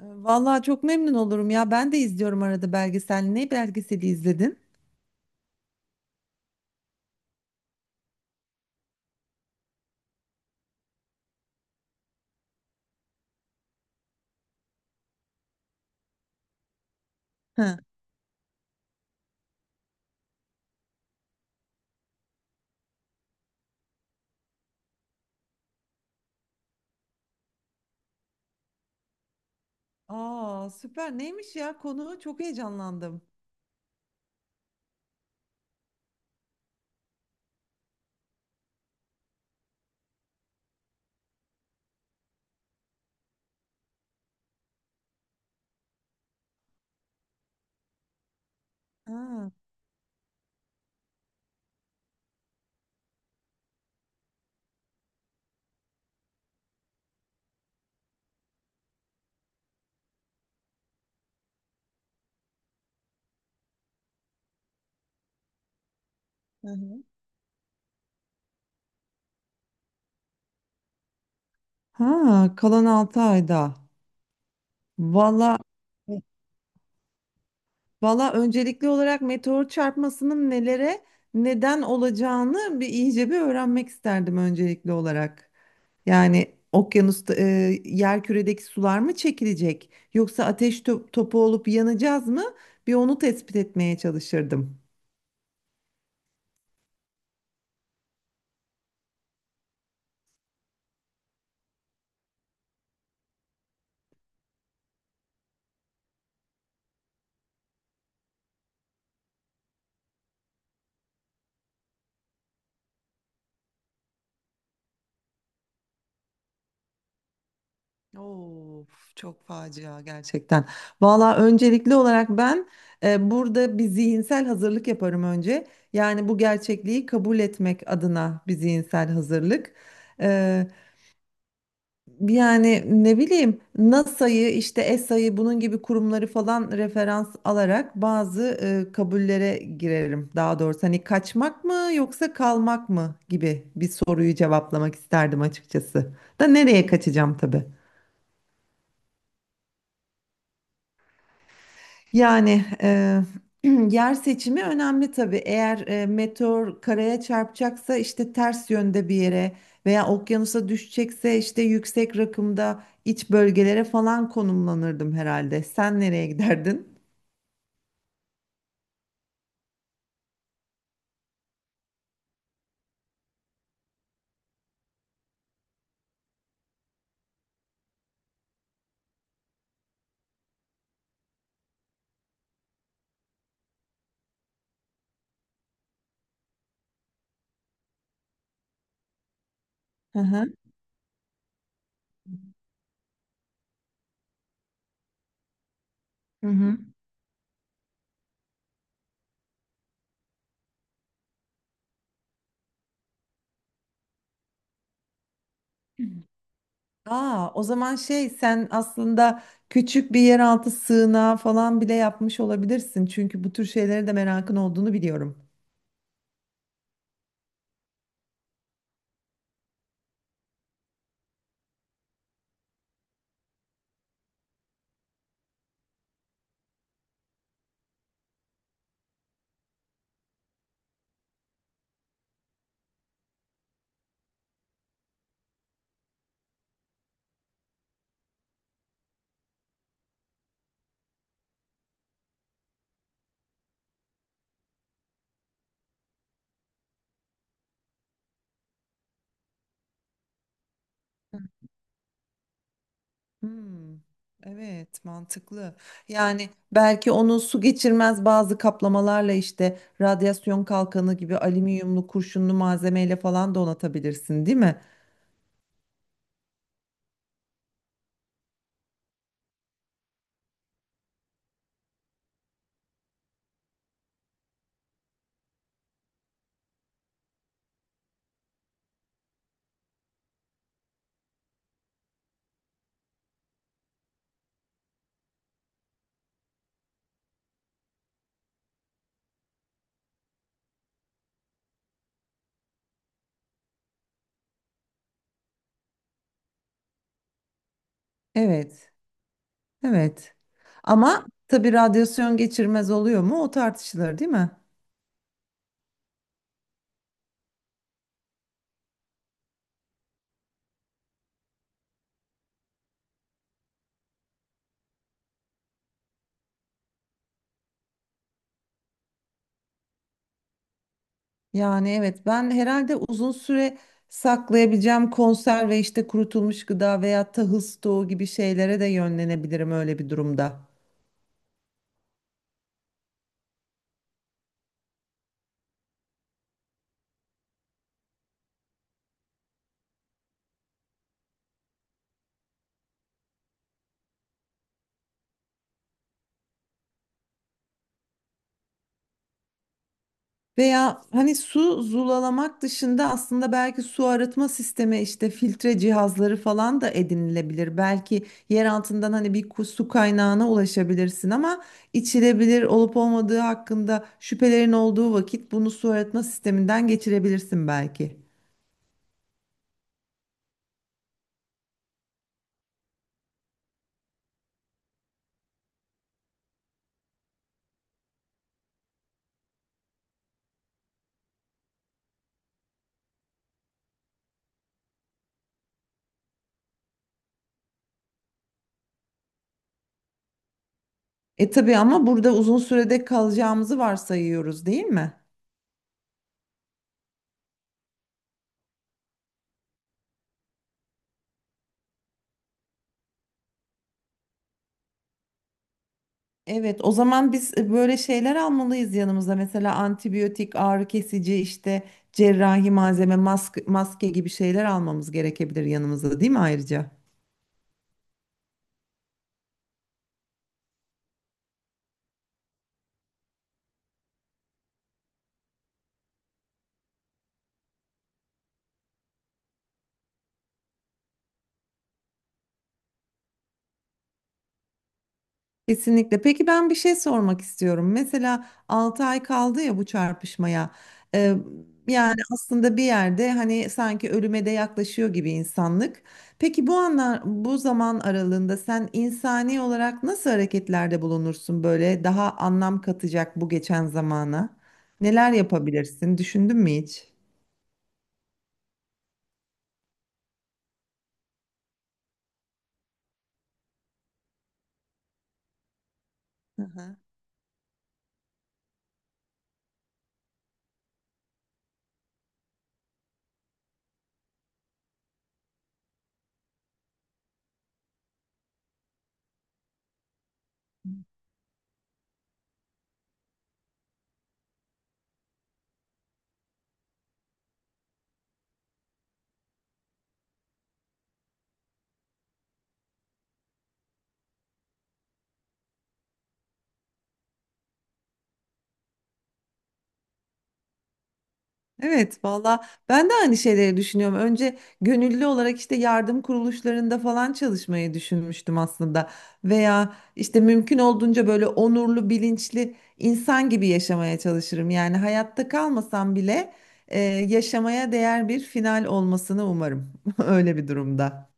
Vallahi çok memnun olurum ya. Ben de izliyorum arada belgesel. Ne belgeseli izledin? Hı. Aa süper. Neymiş ya konu? Çok heyecanlandım. Ha, hı hı. Ha, kalan 6 ayda. Vallahi Valla öncelikli olarak meteor çarpmasının nelere neden olacağını iyice bir öğrenmek isterdim öncelikli olarak. Yani okyanusta yerküredeki sular mı çekilecek yoksa ateş topu olup yanacağız mı? Bir onu tespit etmeye çalışırdım. Of, çok facia gerçekten. Valla öncelikli olarak ben burada bir zihinsel hazırlık yaparım önce. Yani bu gerçekliği kabul etmek adına bir zihinsel hazırlık. E, Yani ne bileyim NASA'yı işte ESA'yı bunun gibi kurumları falan referans alarak bazı kabullere girerim. Daha doğrusu hani kaçmak mı yoksa kalmak mı gibi bir soruyu cevaplamak isterdim açıkçası. Da nereye kaçacağım tabii. Yani yer seçimi önemli tabii. Eğer meteor karaya çarpacaksa işte ters yönde bir yere veya okyanusa düşecekse işte yüksek rakımda iç bölgelere falan konumlanırdım herhalde. Sen nereye giderdin? Hı hı. Hı hı. Aa, o zaman şey sen aslında küçük bir yeraltı sığınağı falan bile yapmış olabilirsin. Çünkü bu tür şeylere de merakın olduğunu biliyorum. Hmm, evet mantıklı. Yani belki onu su geçirmez bazı kaplamalarla işte radyasyon kalkanı gibi alüminyumlu kurşunlu malzemeyle falan donatabilirsin, değil mi? Evet. Evet. Ama tabii radyasyon geçirmez oluyor mu? O tartışılır, değil mi? Yani evet ben herhalde uzun süre saklayabileceğim konserve işte kurutulmuş gıda veya tahıl stoğu gibi şeylere de yönlenebilirim öyle bir durumda. Veya hani su zulalamak dışında aslında belki su arıtma sistemi işte filtre cihazları falan da edinilebilir. Belki yer altından hani bir su kaynağına ulaşabilirsin ama içilebilir olup olmadığı hakkında şüphelerin olduğu vakit bunu su arıtma sisteminden geçirebilirsin belki. E tabii ama burada uzun sürede kalacağımızı varsayıyoruz değil mi? Evet, o zaman biz böyle şeyler almalıyız yanımıza. Mesela antibiyotik, ağrı kesici, işte cerrahi malzeme, maske, maske gibi şeyler almamız gerekebilir yanımıza, değil mi ayrıca? Kesinlikle. Peki ben bir şey sormak istiyorum. Mesela 6 ay kaldı ya bu çarpışmaya. Ee, yani aslında bir yerde hani sanki ölüme de yaklaşıyor gibi insanlık. Peki bu anlar, bu zaman aralığında sen insani olarak nasıl hareketlerde bulunursun böyle daha anlam katacak bu geçen zamana? Neler yapabilirsin? Düşündün mü hiç? Evet valla ben de aynı şeyleri düşünüyorum. Önce gönüllü olarak işte yardım kuruluşlarında falan çalışmayı düşünmüştüm aslında. Veya işte mümkün olduğunca böyle onurlu, bilinçli insan gibi yaşamaya çalışırım. Yani hayatta kalmasam bile yaşamaya değer bir final olmasını umarım. Öyle bir durumda.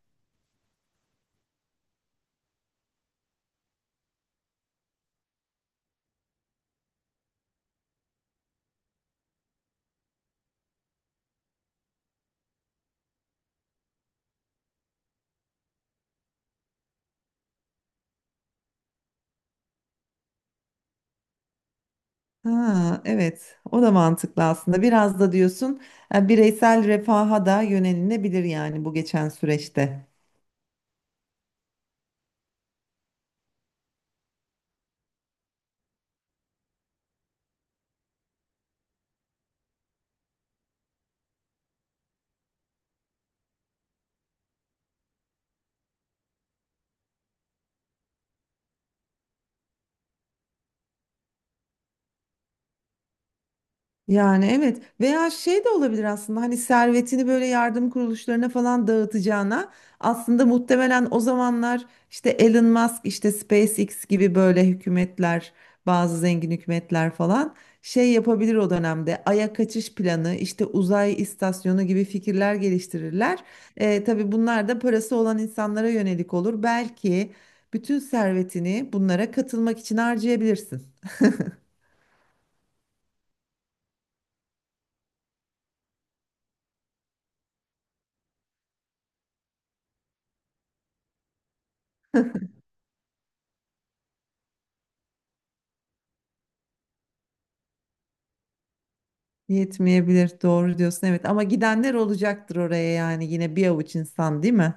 Ha, evet o da mantıklı aslında. Biraz da diyorsun bireysel refaha da yönelinebilir yani bu geçen süreçte. Yani evet veya şey de olabilir aslında hani servetini böyle yardım kuruluşlarına falan dağıtacağına aslında muhtemelen o zamanlar işte Elon Musk işte SpaceX gibi böyle hükümetler bazı zengin hükümetler falan şey yapabilir o dönemde Ay'a kaçış planı işte uzay istasyonu gibi fikirler geliştirirler. Tabii bunlar da parası olan insanlara yönelik olur belki bütün servetini bunlara katılmak için harcayabilirsin. Yetmeyebilir. Doğru diyorsun. Evet ama gidenler olacaktır oraya yani yine bir avuç insan değil mi?